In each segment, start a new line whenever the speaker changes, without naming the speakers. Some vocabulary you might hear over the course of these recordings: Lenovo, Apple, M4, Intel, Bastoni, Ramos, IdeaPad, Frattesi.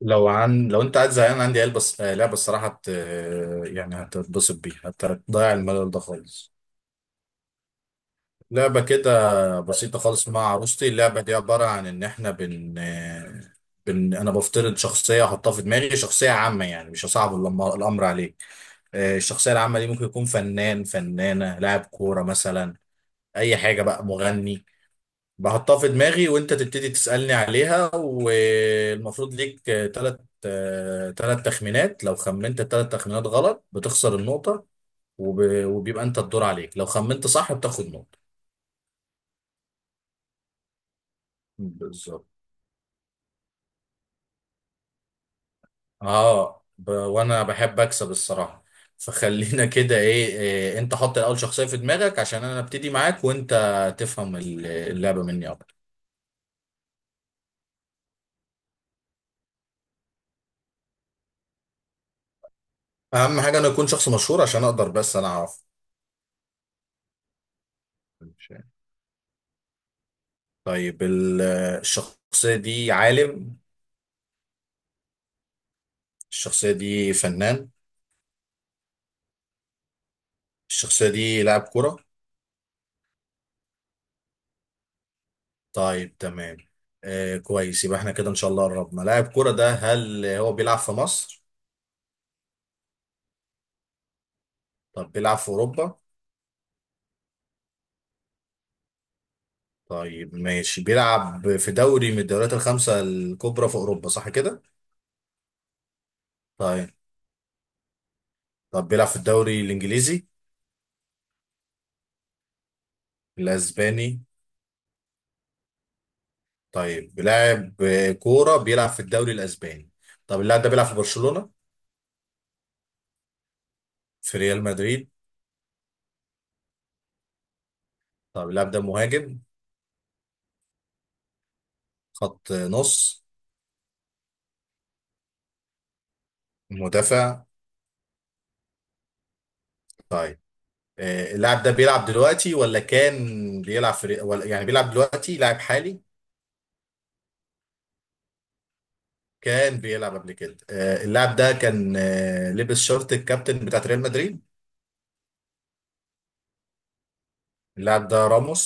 لو انت قاعد زهقان عندي قلب بس لعبه الصراحه هت... آه، يعني هتتبسط بيها هتضيع الملل ده خالص. لعبه كده بسيطه خالص مع عروستي. اللعبه دي عباره عن ان احنا بن آه، بن انا بفترض شخصيه احطها في دماغي، شخصيه عامه، يعني مش هصعب الامر عليك. الشخصيه العامه دي ممكن يكون فنان، فنانه، لاعب كوره مثلا، اي حاجه بقى، مغني. بحطها في دماغي وانت تبتدي تسألني عليها، والمفروض ليك ثلاث ثلاث تخمينات. لو خمنت الثلاث تخمينات غلط بتخسر النقطة، وبيبقى انت الدور عليك، لو خمنت صح بتاخد نقطة. بالظبط. وانا بحب اكسب الصراحة، فخلينا كده إيه انت حط الاول شخصية في دماغك عشان انا ابتدي معاك وانت تفهم اللعبة مني اكتر. اهم حاجة انا اكون شخص مشهور عشان اقدر، بس انا اعرف. ماشي. طيب الشخصية دي عالم؟ الشخصية دي فنان؟ الشخصية دي لاعب كرة؟ طيب تمام. آه كويس، يبقى احنا كده ان شاء الله قربنا. لاعب كرة ده هل هو بيلعب في مصر؟ طب بيلعب في أوروبا؟ طيب ماشي، بيلعب في دوري من الدوريات الخمسة الكبرى في أوروبا، صح كده؟ طيب. طب بيلعب في الدوري الإنجليزي؟ الأسباني؟ طيب بيلعب كورة بيلعب في الدوري الأسباني. طب اللاعب ده بيلعب في برشلونة؟ في ريال مدريد؟ طب اللاعب ده مهاجم؟ خط نص؟ مدافع؟ طيب. اللاعب ده بيلعب دلوقتي ولا كان بيلعب في، ولا يعني بيلعب دلوقتي لاعب حالي؟ كان بيلعب قبل كده. اللاعب ده كان لبس شورت الكابتن بتاعت ريال مدريد؟ اللاعب ده راموس.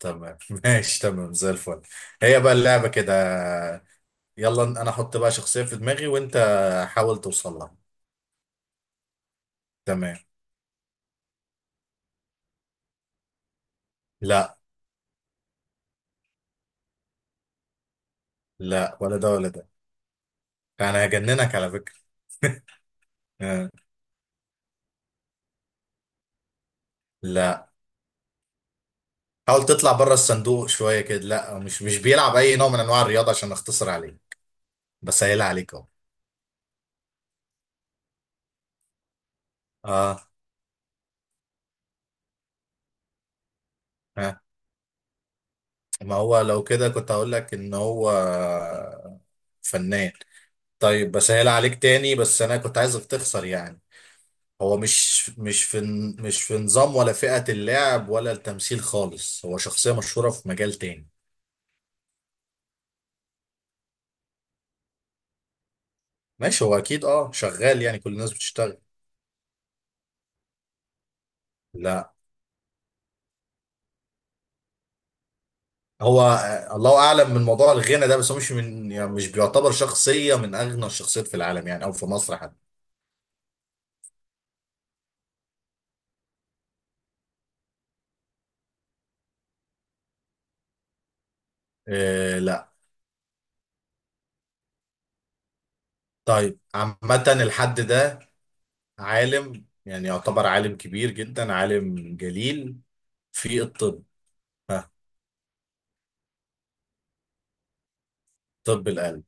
تمام ماشي تمام زي الفل. هي بقى اللعبة كده. يلا انا احط بقى شخصية في دماغي وانت حاول توصل لها. تمام. لا لا، ولا ده ولا ده. انا هجننك على فكرة. آه، لا. حاول تطلع بره الصندوق شوية كده. لا، مش بيلعب اي نوع من انواع الرياضة، عشان اختصر عليك، بسهل عليك اهو. اه. آه. ما هو لو كده كنت هقول لك ان هو فنان. طيب بسهل عليك تاني، بس انا كنت عايزك تخسر يعني. هو مش في نظام ولا فئة اللعب ولا التمثيل خالص، هو شخصية مشهورة في مجال تاني. ماشي، هو اكيد اه شغال يعني، كل الناس بتشتغل. لا، هو الله اعلم من موضوع الغنى ده، بس هو مش من يعني مش بيعتبر شخصية من اغنى الشخصيات في العالم يعني او في مصر حتى. آه لا. طيب عامة الحد ده عالم، يعني يعتبر عالم كبير جدا، عالم جليل، في الطب. ها. طب القلب.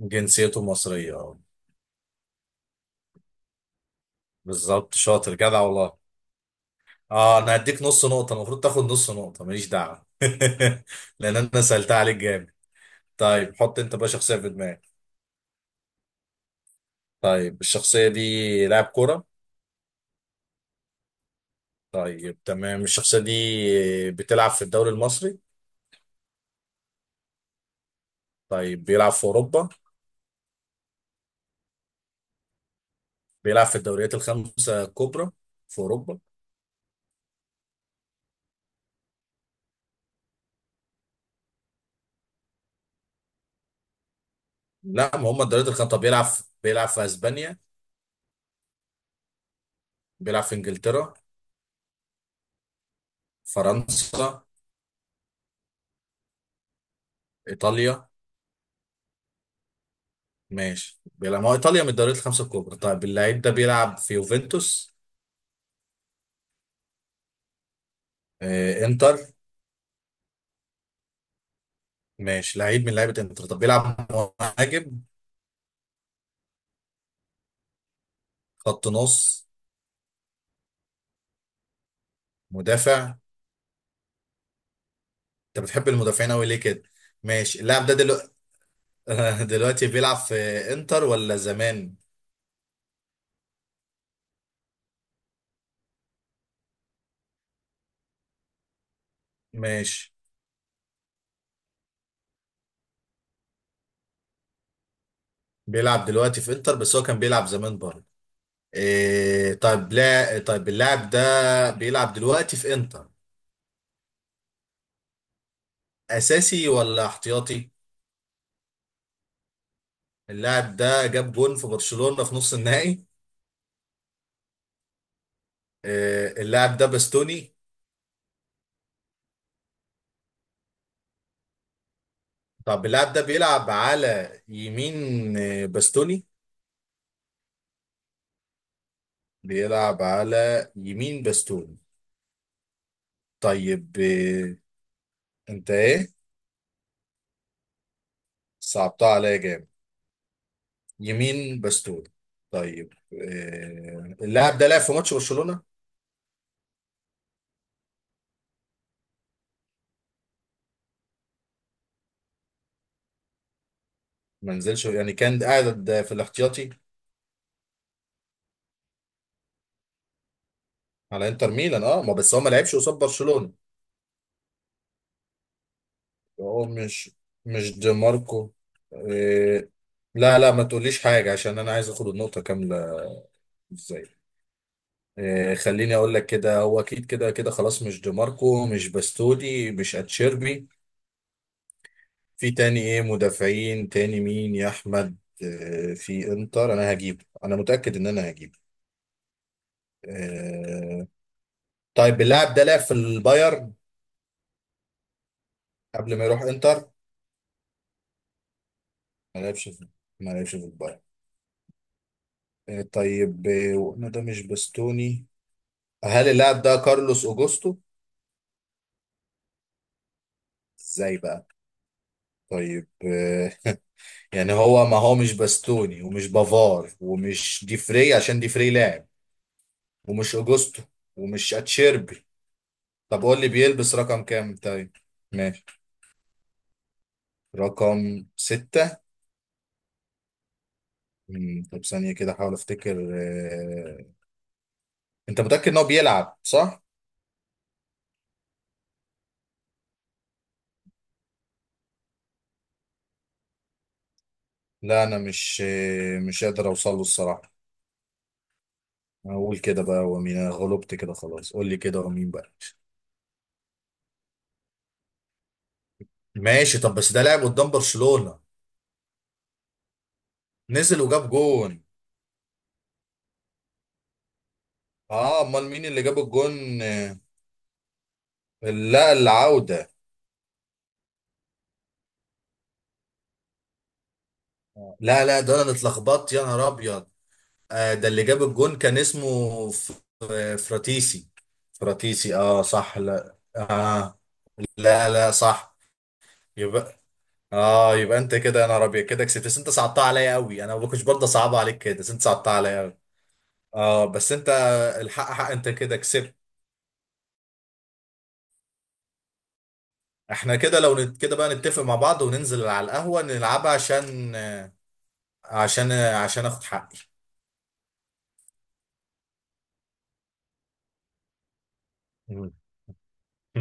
جنسيته مصرية اه. بالظبط، شاطر جدع والله. اه انا هديك نص نقطة، المفروض تاخد نص نقطة ماليش دعوة لان انا سألتها عليك جامد. طيب حط انت بقى شخصية في دماغك. طيب الشخصية دي لاعب كرة؟ طيب تمام. الشخصية دي بتلعب في الدوري المصري؟ طيب بيلعب في اوروبا. بيلعب في الدوريات الخمسة الكبرى في اوروبا؟ لا ما هم الدوريات الخمسة. طب بيلعب في اسبانيا؟ بيلعب في انجلترا؟ فرنسا؟ ايطاليا؟ ماشي بيلعب، ما هو ايطاليا من الدوريات الخمسة الكبرى. طيب اللعيب ده بيلعب في يوفنتوس؟ آه انتر. ماشي لعيب من لعيبة انتر. طب بيلعب مهاجم؟ خط نص؟ مدافع؟ انت بتحب المدافعين قوي ليه كده؟ ماشي. اللاعب ده دلوقتي دلوقتي بيلعب في انتر ولا زمان؟ ماشي بيلعب دلوقتي في انتر بس هو كان بيلعب زمان بره. إيه طيب، لا طيب اللاعب ده بيلعب دلوقتي في انتر اساسي ولا احتياطي؟ اللاعب ده جاب جون في برشلونة في نص النهائي؟ إيه اللاعب ده باستوني؟ طب اللاعب ده بيلعب على يمين باستوني؟ بيلعب على يمين باستوني. طيب إيه، انت ايه؟ صعبتها عليا جامد. يمين باستوني. طيب إيه، اللاعب ده لعب في ماتش برشلونة؟ ما نزلش يعني كان قاعد في الاحتياطي؟ على انتر ميلان اه. ما بس هو ما لعبش قصاد برشلونة. هو مش دي ماركو؟ إيه؟ لا لا ما تقوليش حاجة عشان انا عايز اخد النقطة كاملة. ازاي؟ إيه خليني اقول لك كده، هو اكيد كده كده خلاص، مش دي ماركو، مش باستودي، مش اتشيربي. في تاني ايه مدافعين تاني مين يا احمد إيه في انتر، انا هجيب، انا متأكد ان انا هجيب. إيه. طيب اللاعب ده لعب في البايرن قبل ما يروح انتر؟ ما لعبش في ما لعبش في البايرن. طيب، وقلنا ده مش بستوني. هل اللاعب ده كارلوس اوجوستو؟ ازاي بقى. طيب يعني هو، ما هو مش باستوني، ومش بافار، ومش ديفري عشان ديفري لاعب، ومش اوجوستو، ومش اتشيربي. طب قول لي بيلبس رقم كام طيب. ماشي، رقم ستة. طب ثانية كده احاول افتكر. انت متأكد ان هو بيلعب صح؟ لا انا مش قادر اوصل له الصراحة. اقول كده بقى ومين، انا غلبت كده خلاص قول لي كده ومين بقى. ماشي. طب بس ده لعب قدام برشلونة؟ نزل وجاب جون؟ اه امال مين اللي جاب الجون؟ لا العودة. لا لا ده انا اتلخبطت يا نهار ابيض. آه ده اللي جاب الجون كان اسمه فراتيسي. فراتيسي اه صح، لا اه. لا لا صح. يبقى اه، يبقى انت كده يا نهار ابيض كده كسبت، بس انت صعبتها عليا قوي، انا ما كنتش برضه صعبه عليك كده، بس انت صعبتها عليا. اه بس انت، الحق حق انت كده كسبت. احنا كده لو كده بقى نتفق مع بعض وننزل على القهوة نلعبها، عشان عشان اخد حقي. مم.